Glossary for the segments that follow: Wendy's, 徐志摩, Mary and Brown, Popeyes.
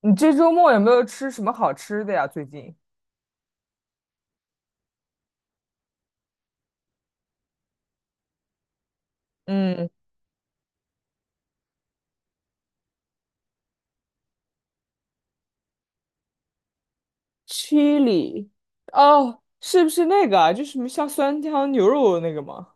你这周末有没有吃什么好吃的呀？最近？嗯，chili，哦，是不是那个啊？就是什么像酸汤牛肉那个吗？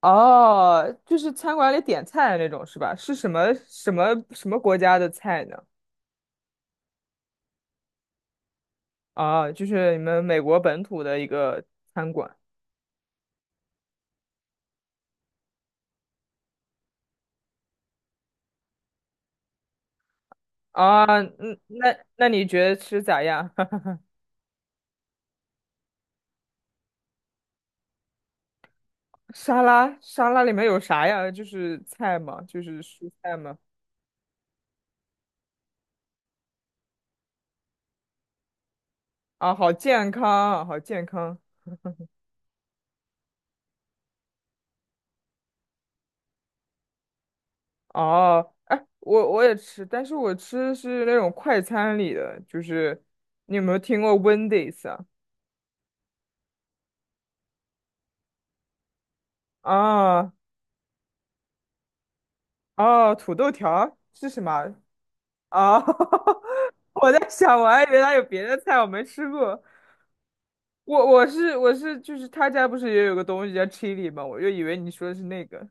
哦，就是餐馆里点菜的那种是吧？是什么国家的菜呢？啊，就是你们美国本土的一个餐馆啊。嗯，那你觉得吃咋样？沙拉里面有啥呀？就是菜吗？就是蔬菜吗？啊，好健康啊好健康。哦，哎，我也吃，但是我吃的是那种快餐里的，就是你有没有听过 Wendy's 啊？啊哦，土豆条儿是什么？啊，我在想，我还以为他有别的菜我没吃过。我就是他家不是也有个东西叫 chili 吗？我就以为你说的是那个。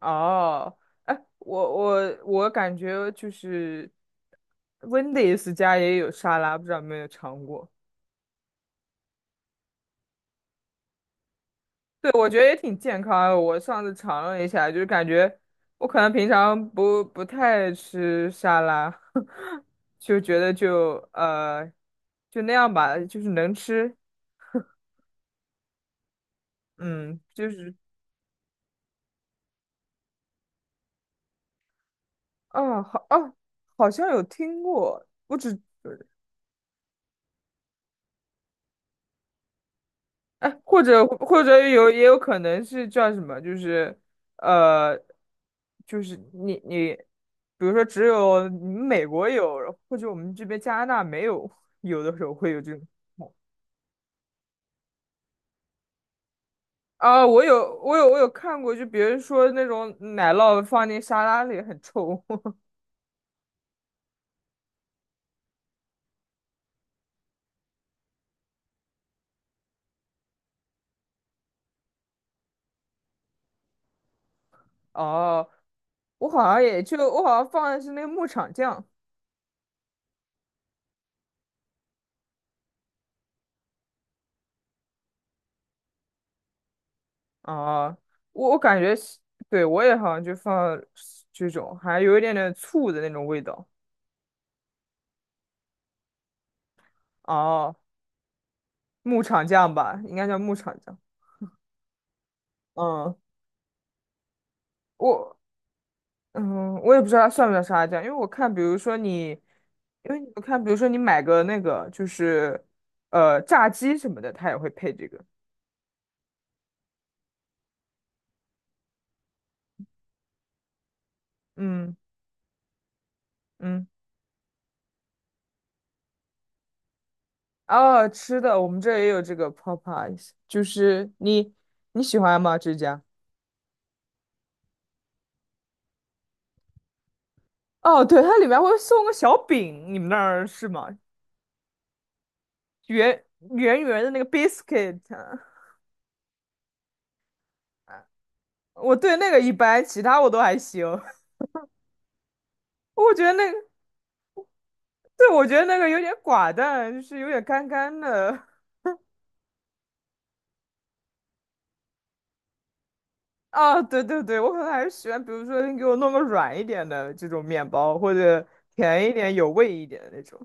哦，哎，我感觉就是 Wendy's 家也有沙拉，不知道有没有尝过。对，我觉得也挺健康的。我上次尝了一下，就是感觉我可能平常不太吃沙拉，就觉得就那样吧，就是能吃，嗯，就是啊好啊，好像有听过，哎，或者也有可能是叫什么，就是呃，就是你，比如说只有你们美国有，或者我们这边加拿大没有，有的时候会有这种。啊，我有看过，就比如说那种奶酪放进沙拉里很臭。哦，我好像放的是那个牧场酱。哦，我感觉是，对，我也好像就放这种，还有一点点醋的那种味道。哦。牧场酱吧，应该叫牧场酱。嗯，我我也不知道它算不算沙拉酱，因为我看，比如说你，因为你我看，比如说你买个那个就是炸鸡什么的，它也会配这个。嗯嗯，哦，吃的我们这儿也有这个 Popeyes，就是你喜欢吗？这家？哦，对，它里面会送个小饼，你们那儿是吗？圆圆的那个 biscuit，我对那个一般，其他我都还行。我觉得那个。对，我觉得那个有点寡淡，就是有点干干的。啊，对对对，我可能还是喜欢，比如说你给我弄个软一点的这种面包，或者甜一点、有味一点的那种。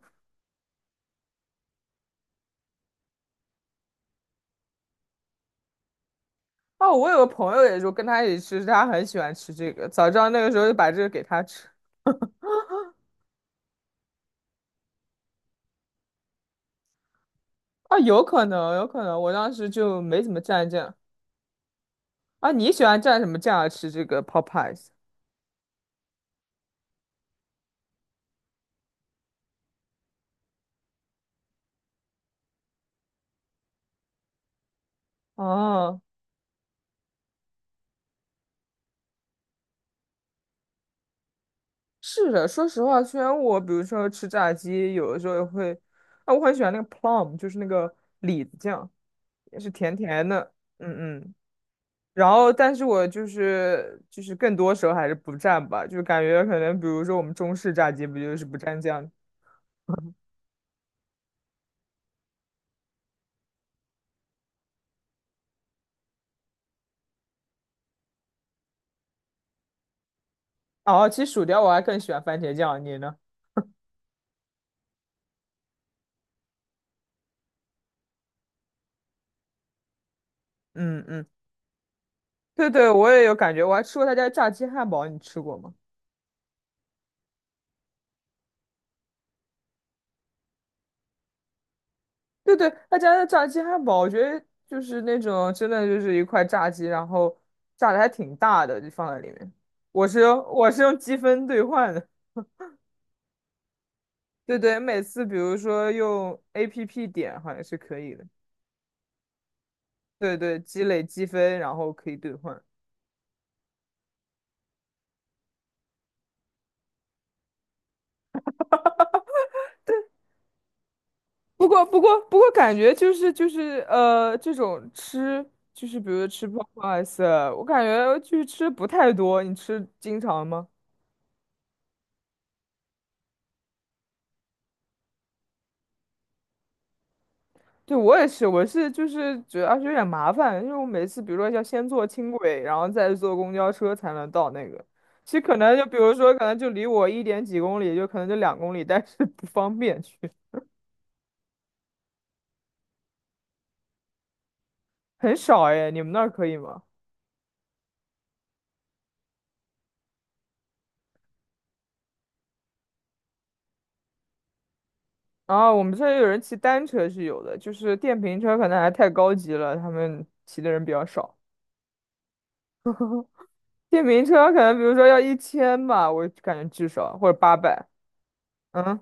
哦，我有个朋友也就跟他一起吃，他很喜欢吃这个，早知道那个时候就把这个给他吃。啊，有可能，有可能，我当时就没怎么蘸酱。啊，你喜欢蘸什么酱啊吃这个 p o p e y e 哦、是的，说实话，虽然我比如说吃炸鸡，有的时候也会，啊，我很喜欢那个 plum，就是那个李子酱，也是甜甜的，嗯嗯。然后，但是我就是更多时候还是不蘸吧，就是感觉可能比如说我们中式炸鸡不就是不蘸酱 哦，其实薯条我还更喜欢番茄酱，你呢？嗯嗯，对对，我也有感觉，我还吃过他家炸鸡汉堡，你吃过吗？对对，他家的炸鸡汉堡，我觉得就是那种真的就是一块炸鸡，然后炸的还挺大的，就放在里面。我是用积分兑换的，对对，每次比如说用 APP 点好像是可以的，对对，积累积分，然后可以兑换。不过，感觉就是这种吃就是比如吃 p o p e y e 我感觉就是吃不太多。你吃经常吗？对，我也是，我是就是主要是有点麻烦，因为我每次比如说要先坐轻轨，然后再坐公交车才能到那个。其实可能就比如说，可能就离我1.几公里，就可能就2公里，但是不方便去，很少哎。你们那儿可以吗？啊，我们这儿有人骑单车是有的，就是电瓶车可能还太高级了，他们骑的人比较少。电瓶车可能比如说要1000吧，我感觉至少或者800。嗯，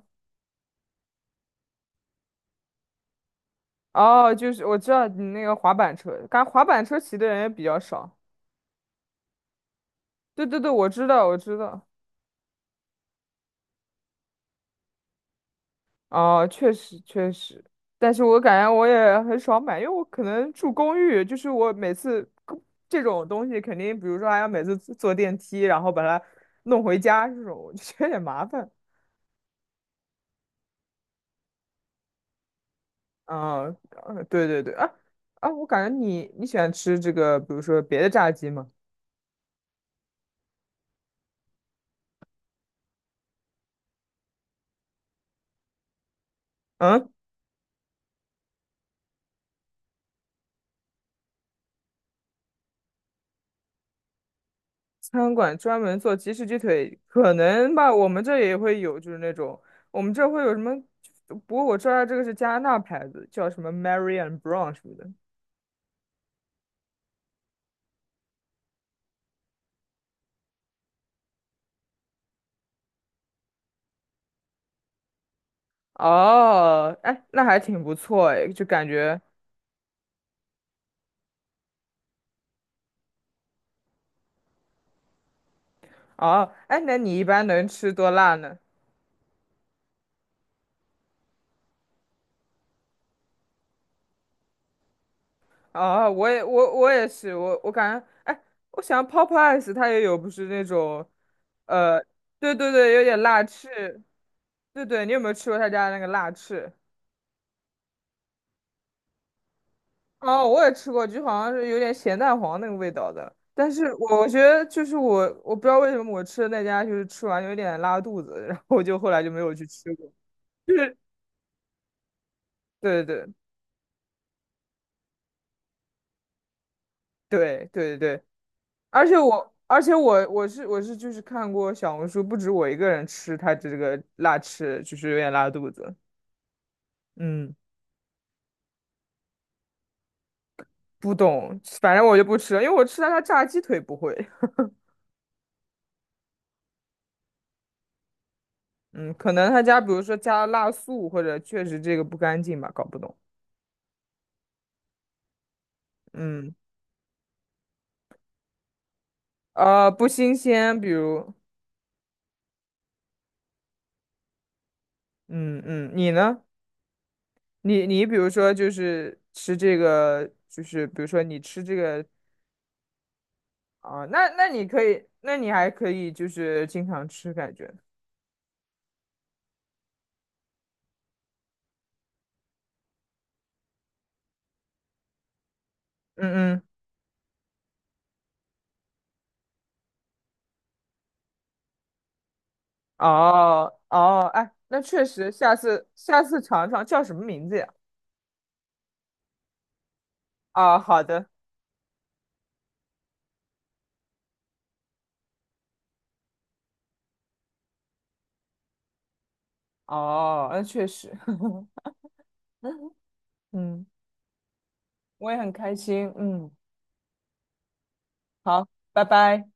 哦，就是我知道你那个滑板车，感觉滑板车骑的人也比较少。对对对，我知道，我知道。啊，确实确实，但是我感觉我也很少买，因为我可能住公寓，就是我每次这种东西肯定，比如说还要每次坐坐电梯，然后把它弄回家这种，我就觉得有点麻烦。啊，对对对，啊啊，我感觉你喜欢吃这个，比如说别的炸鸡吗？嗯。餐馆专门做鸡食鸡腿，可能吧，我们这也会有，就是那种我们这会有什么？不过我知道这个是加拿大牌子，叫什么 Mary and Brown 什么的。哦，哎，那还挺不错哎，就感觉哦，哎，那你一般能吃多辣呢？哦，我也是，我感觉，哎，我想 Popeyes 它也有，不是那种，呃，对对对，有点辣翅，对对，你有没有吃过他家那个辣翅？哦，我也吃过，就好像是有点咸蛋黄那个味道的。但是我觉得就是我，我不知道为什么我吃的那家就是吃完有点拉肚子，然后我就后来就没有去吃过。就是对对对对对对，而且我就是看过小红书，不止我一个人吃它这个辣翅，就是有点拉肚子。嗯，不懂，反正我就不吃了，因为我吃它炸鸡腿不会。嗯，可能他家比如说加了辣素，或者确实这个不干净吧，搞不懂。嗯。不新鲜，比如，嗯嗯，你呢？你比如说就是吃这个，就是比如说你吃这个啊、那你可以，那你还可以就是经常吃，感觉，嗯嗯，哦哦，哎，那确实，下次尝尝叫什么名字呀？啊、好的，哦，那确实，嗯，我也很开心，嗯，好，拜拜。